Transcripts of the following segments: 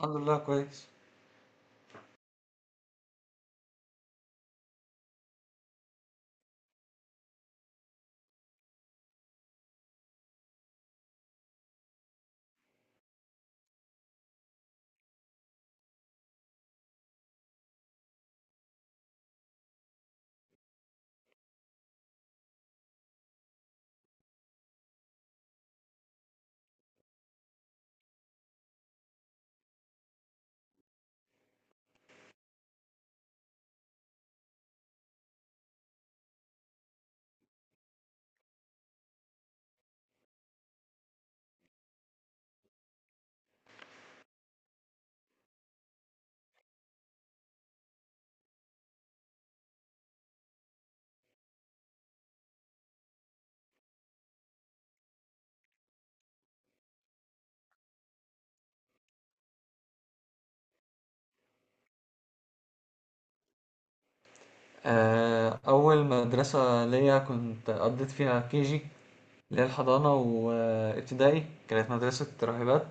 الحمد لله كويس. أول مدرسة ليا كنت قضيت فيها كيجي اللي هي الحضانة وابتدائي كانت مدرسة راهبات،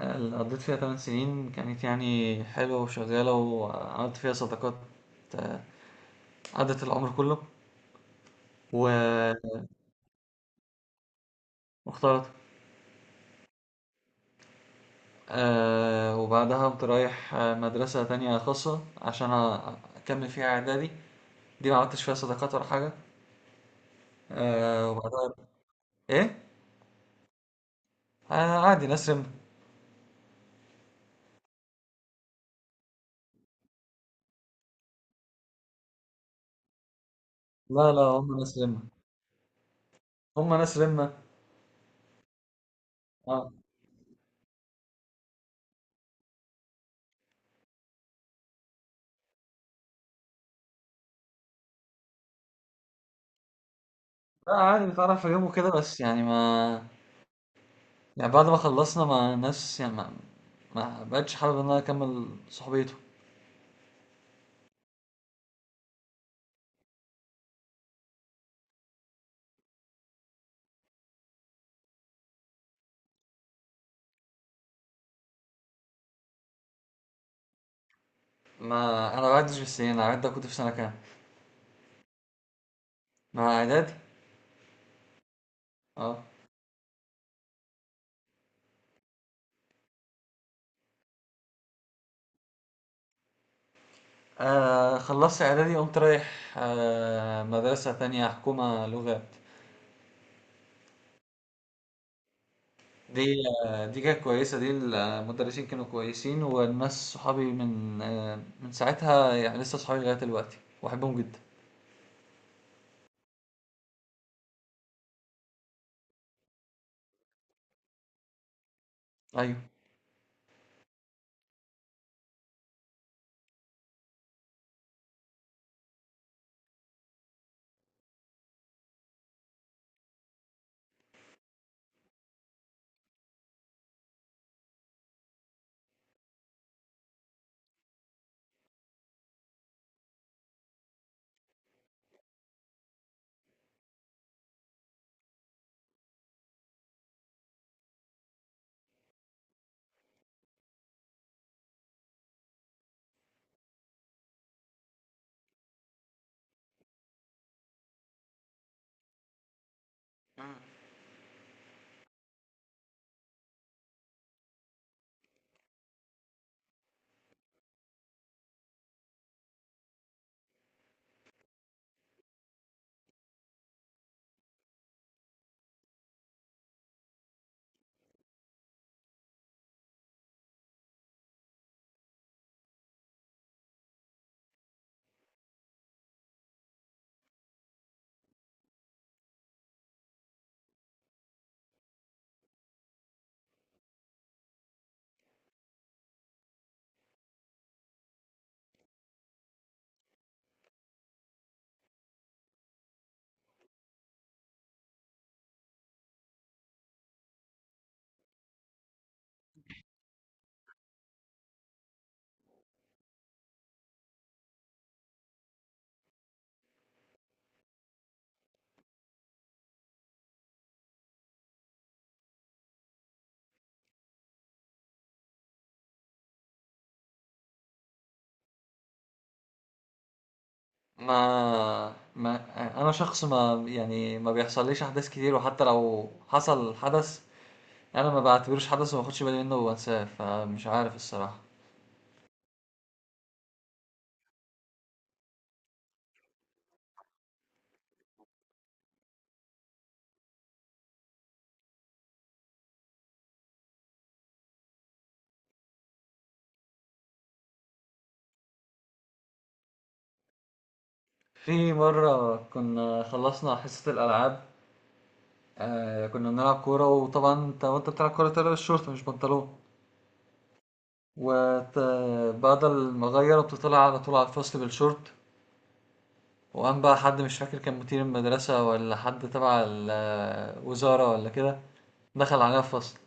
اللي قضيت فيها 8 سنين كانت يعني حلوة وشغالة وعملت فيها صداقات، آه، عدت العمر كله و- واختلط. وبعدها قمت رايح مدرسة تانية خاصة عشان أكمل فيها إعدادي. دي ما عملتش فيها صداقات ولا حاجة. وبعدها إيه؟ عادي ناس رمت. لا لا، هم ناس رمة. هم ناس رمة. اه. لا عادي بتعرف اجيبه كده، بس يعني ما، يعني بعد ما خلصنا مع ناس يعني ما بقتش حابب ان انا اكمل صحبيته. ما انا ما بعدش في السنين، انا عدى كنت في سنة كام؟ مع اعدادي. اه. خلصت اعدادي قمت رايح مدرسة تانية حكومة لغات. دي دي كانت كويسة، دي المدرسين كانوا كويسين والناس صحابي من من ساعتها يعني لسه صحابي لغاية دلوقتي واحبهم جدا. ايوه. ما ما انا شخص ما يعني ما بيحصليش احداث كتير، وحتى لو حصل حدث انا ما بعتبروش حدث وما باخدش بالي منه وانساه، فمش عارف الصراحة. في مرة كنا خلصنا حصة الألعاب، كنا بنلعب كورة، وطبعا انت وانت بتلعب كورة تلبس شورت مش بنطلون. وبعد ما غير بتطلع على طول على الفصل بالشورت، وقام بقى حد مش فاكر كان مدير المدرسة ولا حد تبع الوزارة ولا كده دخل علينا الفصل،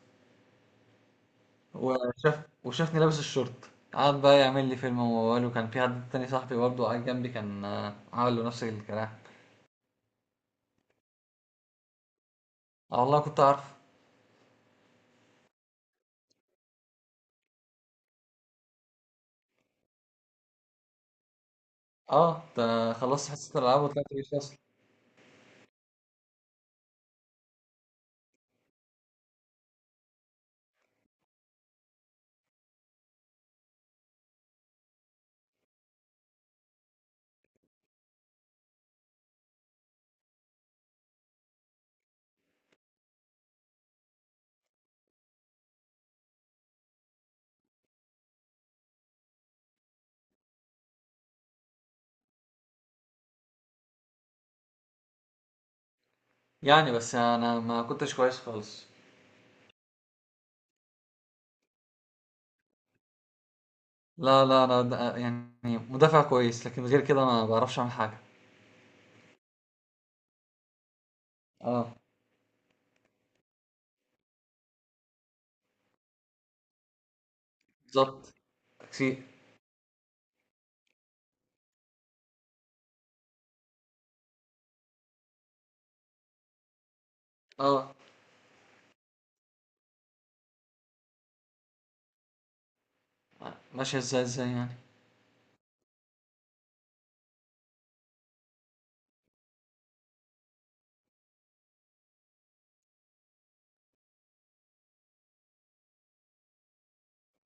وشاف وشافني لابس الشورت، قعد بقى يعمل لي فيلم وموال، وكان في حد تاني صاحبي برضه قاعد جنبي كان عمل له نفس الكلام. اه والله كنت عارف. اه ده خلصت حصة الألعاب وطلعت، مش أصلا. يعني بس أنا ما كنتش كويس خالص. لا لا، أنا يعني مدافع كويس، لكن غير كده ما بعرفش أعمل حاجة. اه. بالظبط. تكسير. اه. ماشية ازاي يعني؟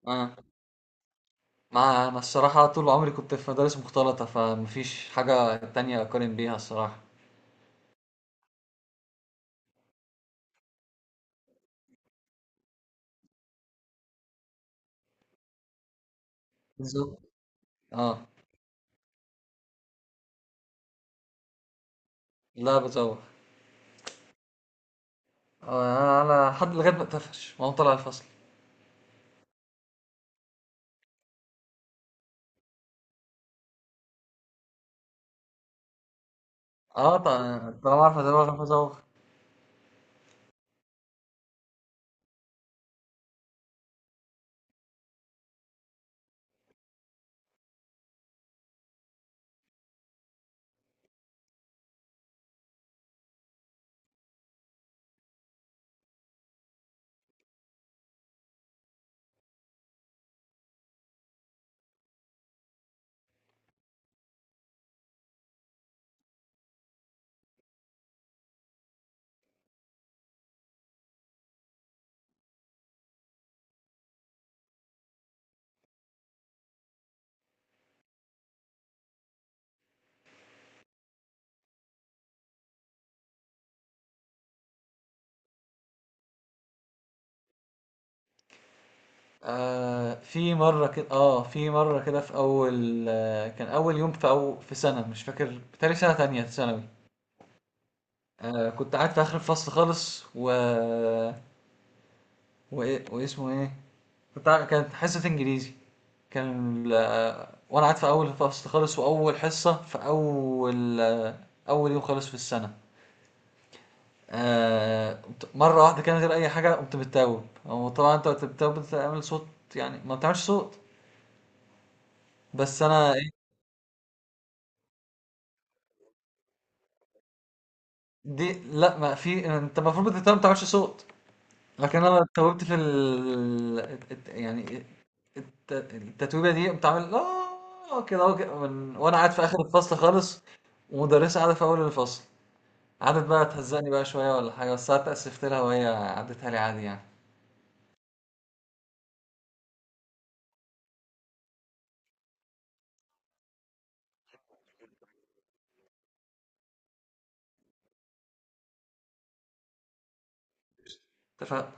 اه ما أنا الصراحة طول عمري كنت في مدارس مختلطة، فمفيش حاجة تانية أقارن بيها الصراحة. بالظبط. اه. لا بتزوغ. انا لحد لغايه ما اتقفش، ما هو طلع الفصل. اه طبعا، طالما عارف ازوغ عارف ازوغ. في مره كده في اول كان اول يوم في أو في سنه مش فاكر، بتهيألي سنه تانية ثانوي. كنت قاعد في اخر الفصل خالص و وايه واسمه ايه كنت كانت حصه انجليزي، كان وانا قاعد في اول الفصل خالص، واول حصه في اول اول يوم خالص في السنه. مرة واحدة كده من غير أي حاجة قمت بتتوب. هو طبعا أنت وأنت بتتوب بتعمل صوت، يعني ما بتعملش صوت. بس أنا إيه، دي لا ما في، أنت المفروض بتتوب ما بتعملش صوت. لكن أنا اتوبت في ال الت- يعني الت- التتويبة دي، قمت عامل كده أهو كده وأنا قاعد في آخر الفصل خالص، ومدرسة قاعدة في أول الفصل. قعدت بقى تهزقني بقى شوية ولا حاجة، بس أنا اتأسفت لها وهي عدتها لي عادي يعني. اتفقنا.